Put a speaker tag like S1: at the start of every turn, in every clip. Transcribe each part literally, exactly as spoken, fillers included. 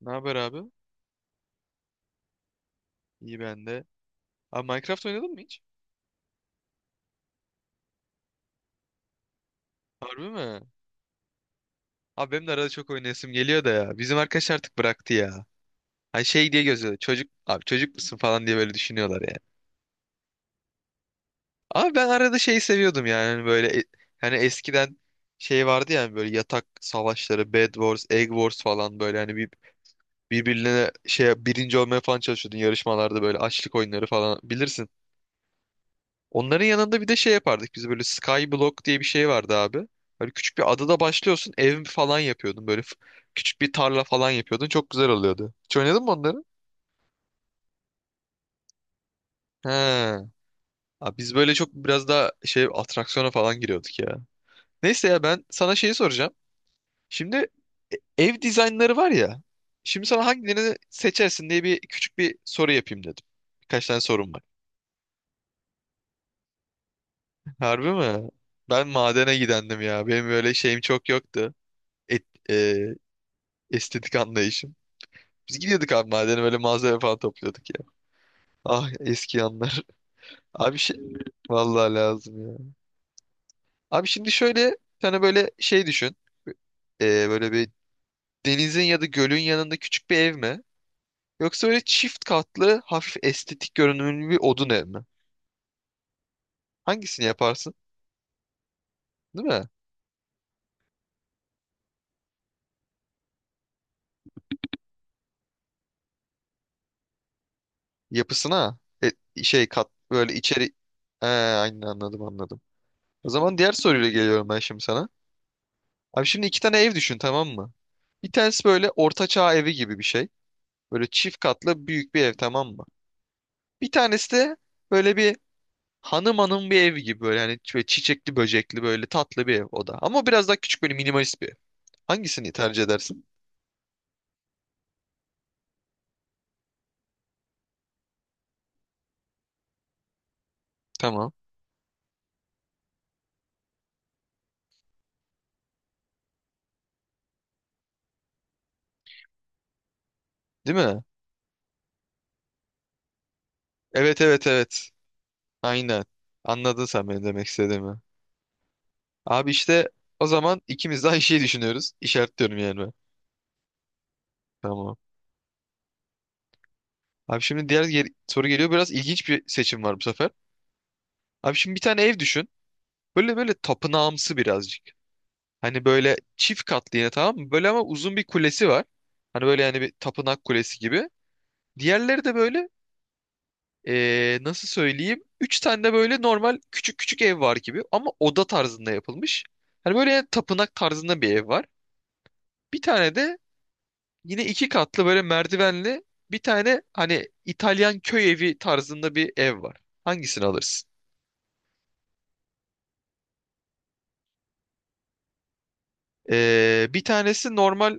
S1: Ne haber abi? İyi ben de. Abi Minecraft oynadın mı hiç? Harbi mi? Abi benim de arada çok oynayasım geliyor da ya. Bizim arkadaş artık bıraktı ya. Hani şey diye gözüyor. Çocuk abi çocuk musun falan diye böyle düşünüyorlar ya. Abi ben arada şeyi seviyordum yani hani böyle e- hani eskiden şey vardı yani böyle yatak savaşları, Bed Wars, Egg Wars falan böyle hani bir birbirine şey birinci olmaya falan çalışıyordun yarışmalarda böyle açlık oyunları falan bilirsin. Onların yanında bir de şey yapardık biz böyle Skyblock diye bir şey vardı abi. Böyle küçük bir adada başlıyorsun ev falan yapıyordun böyle f- küçük bir tarla falan yapıyordun çok güzel oluyordu. Hiç oynadın mı onları? He. Abi biz böyle çok biraz daha şey atraksiyona falan giriyorduk ya. Neyse ya ben sana şeyi soracağım. Şimdi e- ev dizaynları var ya. Şimdi sana hangilerini seçersin diye bir küçük bir soru yapayım dedim. Birkaç tane sorum var. Harbi mi? Ben madene gidendim ya. Benim böyle şeyim çok yoktu. Et, estetik anlayışım. Biz gidiyorduk abi madene böyle malzeme falan topluyorduk ya. Ah eski anlar. Abi şey vallahi lazım ya. Abi şimdi şöyle sana böyle şey düşün. Ee, böyle bir denizin ya da gölün yanında küçük bir ev mi? Yoksa böyle çift katlı hafif estetik görünümlü bir odun ev mi? Hangisini yaparsın? Değil mi? Yapısına e, şey kat böyle içeri. He, aynen anladım anladım. O zaman diğer soruyla geliyorum ben şimdi sana. Abi şimdi iki tane ev düşün tamam mı? Bir tanesi böyle ortaçağ evi gibi bir şey. Böyle çift katlı büyük bir ev tamam mı? Bir tanesi de böyle bir hanım hanım bir ev gibi böyle hani böyle çiçekli böcekli böyle tatlı bir ev o da. Ama biraz daha küçük böyle minimalist bir ev. Hangisini tercih edersin? Tamam. Değil mi? Evet evet evet. Aynen. Anladın sen benim demek istediğimi. Abi işte o zaman ikimiz de aynı şeyi düşünüyoruz. İşaretliyorum yani ben. Tamam. Abi şimdi diğer gel- soru geliyor. Biraz ilginç bir seçim var bu sefer. Abi şimdi bir tane ev düşün. Böyle böyle tapınağımsı birazcık. Hani böyle çift katlı yine tamam mı? Böyle ama uzun bir kulesi var. Hani böyle yani bir tapınak kulesi gibi. Diğerleri de böyle eee, nasıl söyleyeyim? Üç tane de böyle normal küçük küçük ev var gibi ama oda tarzında yapılmış. Hani böyle tapınak tarzında bir ev var. Bir tane de yine iki katlı böyle merdivenli bir tane hani İtalyan köy evi tarzında bir ev var. Hangisini alırsın? Eee, bir tanesi normal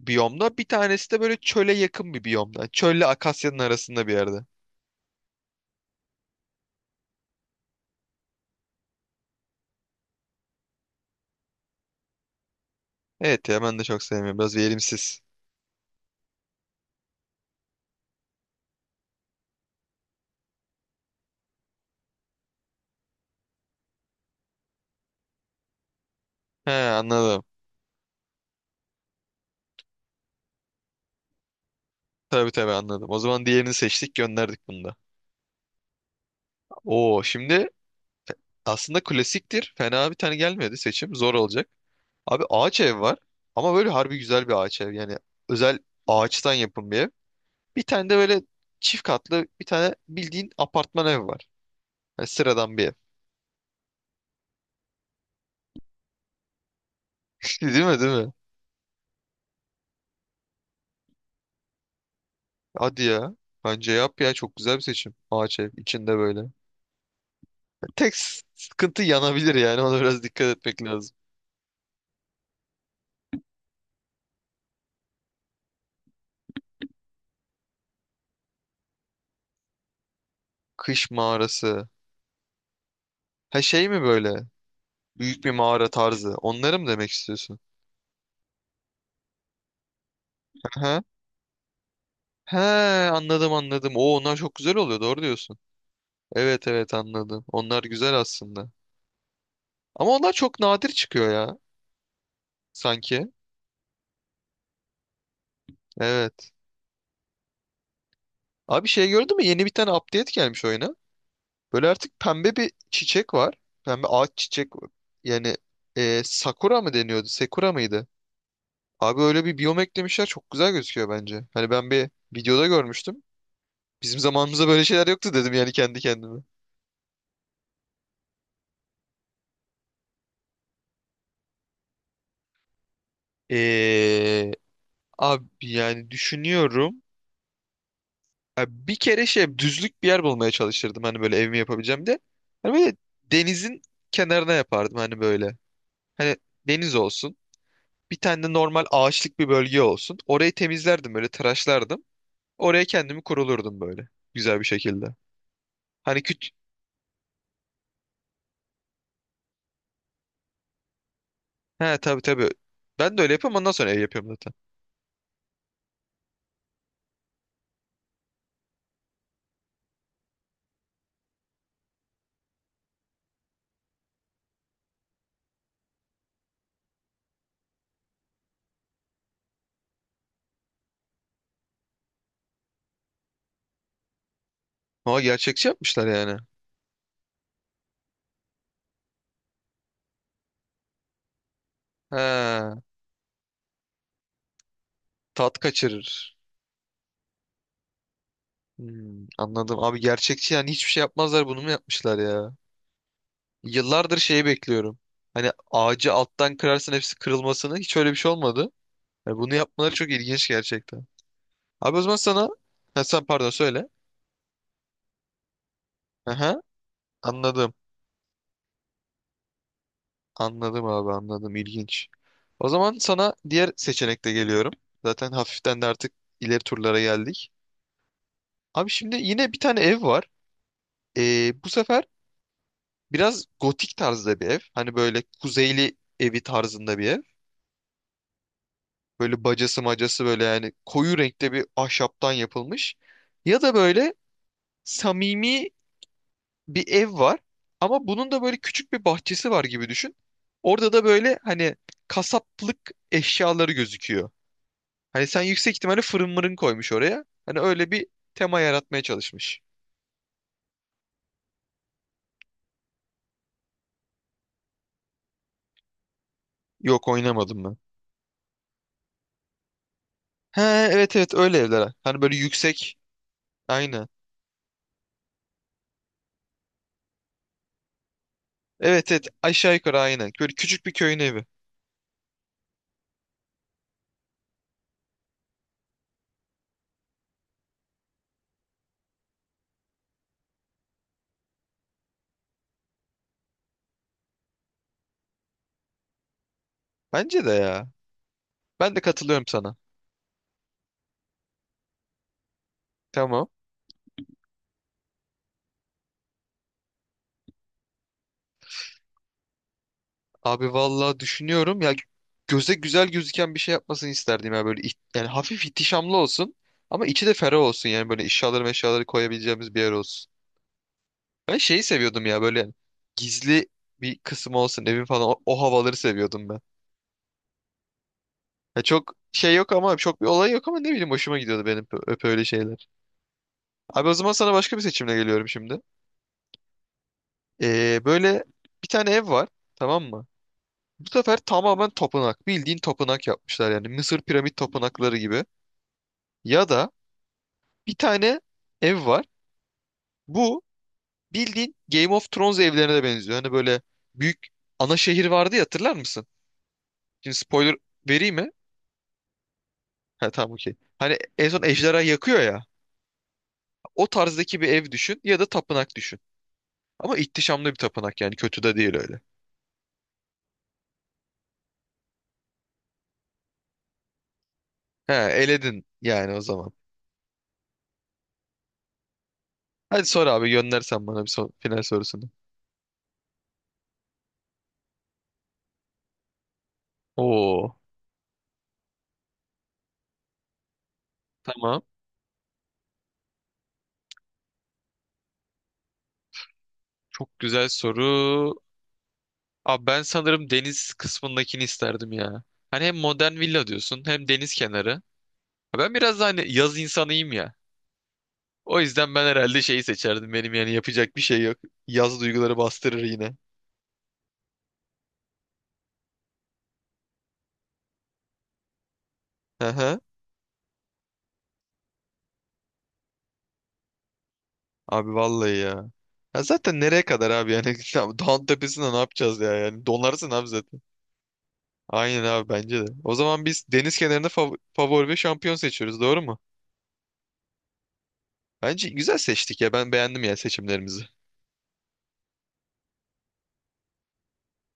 S1: biyomda. Bir tanesi de böyle çöle yakın bir biyomda. Çölle akasyanın arasında bir yerde. Evet ya ben de çok sevmiyorum. Biraz verimsiz. He anladım. Tabii tabii anladım. O zaman diğerini seçtik gönderdik bunu da. Oo şimdi aslında klasiktir. Fena bir tane gelmedi seçim. Zor olacak. Abi ağaç ev var. Ama böyle harbi güzel bir ağaç ev. Yani özel ağaçtan yapım bir ev. Bir tane de böyle çift katlı bir tane bildiğin apartman ev var. Yani sıradan bir ev. Değil mi değil mi? Hadi ya. Bence yap ya çok güzel bir seçim. Ağaç ev içinde böyle. Tek s- sıkıntı yanabilir yani ona biraz dikkat etmek lazım. Kış mağarası. Ha şey mi böyle? Büyük bir mağara tarzı. Onları mı demek istiyorsun? Aha. He anladım anladım. Oo onlar çok güzel oluyor doğru diyorsun. Evet evet anladım. Onlar güzel aslında. Ama onlar çok nadir çıkıyor ya sanki. Evet. Abi şey gördün mü? Yeni bir tane update gelmiş oyuna. Böyle artık pembe bir çiçek var. Pembe ağaç çiçek. Yani e, sakura mı deniyordu? Sekura mıydı? Abi öyle bir biyom eklemişler çok güzel gözüküyor bence. Hani ben bir videoda görmüştüm. Bizim zamanımızda böyle şeyler yoktu dedim yani kendi kendime. Ee, abi yani düşünüyorum. Ya bir kere şey düzlük bir yer bulmaya çalışırdım hani böyle evimi yapabileceğim de. Hani böyle denizin kenarına yapardım hani böyle. Hani deniz olsun. Bir tane de normal ağaçlık bir bölge olsun. Orayı temizlerdim böyle tıraşlardım. Oraya kendimi kurulurdum böyle. Güzel bir şekilde. Hani küt... He tabii tabii. Ben de öyle yapıyorum ondan sonra ev yapıyorum zaten. Ama gerçekçi yapmışlar yani. He tat kaçırır. Hmm, anladım. Abi gerçekçi yani hiçbir şey yapmazlar bunu mu yapmışlar ya? Yıllardır şeyi bekliyorum. Hani ağacı alttan kırarsın hepsi kırılmasını. Hiç öyle bir şey olmadı. Yani bunu yapmaları çok ilginç gerçekten. Abi o zaman sana... Ha, sen pardon söyle. Aha, anladım. Anladım abi anladım. İlginç. O zaman sana diğer seçenekte geliyorum. Zaten hafiften de artık ileri turlara geldik. Abi şimdi yine bir tane ev var. Ee, bu sefer biraz gotik tarzda bir ev. Hani böyle kuzeyli evi tarzında bir ev. Böyle bacası macası böyle yani koyu renkte bir ahşaptan yapılmış. Ya da böyle samimi bir ev var. Ama bunun da böyle küçük bir bahçesi var gibi düşün. Orada da böyle hani kasaplık eşyaları gözüküyor. Hani sen yüksek ihtimalle fırın mırın koymuş oraya. Hani öyle bir tema yaratmaya çalışmış. Yok oynamadım ben. Ha evet evet öyle evler. Hani böyle yüksek. Aynen. Evet evet aşağı yukarı aynen. Böyle küçük bir köyün evi. Bence de ya. Ben de katılıyorum sana. Tamam. Abi vallahi düşünüyorum ya göze güzel gözüken bir şey yapmasını isterdim ya böyle iht- yani hafif ihtişamlı olsun ama içi de ferah olsun yani böyle eşyaları meşyaları koyabileceğimiz bir yer olsun. Ben şeyi seviyordum ya böyle gizli bir kısım olsun evin falan o, o havaları seviyordum ben. Ya çok şey yok ama çok bir olay yok ama ne bileyim hoşuma gidiyordu benim ö- öp öyle şeyler. Abi o zaman sana başka bir seçimle geliyorum şimdi. Ee, böyle bir tane ev var tamam mı? Bu sefer tamamen tapınak bildiğin tapınak yapmışlar yani Mısır piramit tapınakları gibi. Ya da bir tane ev var bu bildiğin Game of Thrones evlerine de benziyor. Hani böyle büyük ana şehir vardı ya hatırlar mısın? Şimdi spoiler vereyim mi? Ha tamam okey. Hani en son ejderha yakıyor ya. O tarzdaki bir ev düşün ya da tapınak düşün. Ama ihtişamlı bir tapınak yani kötü de değil öyle. He eledin yani o zaman. Hadi sor abi göndersen bana bir son, final sorusunu. Oo tamam. Çok güzel soru. Abi ben sanırım deniz kısmındakini isterdim ya. Hani hem modern villa diyorsun hem deniz kenarı. Ben biraz da hani yaz insanıyım ya. O yüzden ben herhalde şeyi seçerdim. Benim yani yapacak bir şey yok. Yaz duyguları bastırır yine. Hı hı. Abi vallahi ya. Ya zaten nereye kadar abi yani tamam, dağın tepesinde ne yapacağız ya yani donarsın abi zaten. Aynen abi bence de. O zaman biz deniz kenarında fav- favori ve şampiyon seçiyoruz doğru mu? Bence güzel seçtik ya ben beğendim ya seçimlerimizi.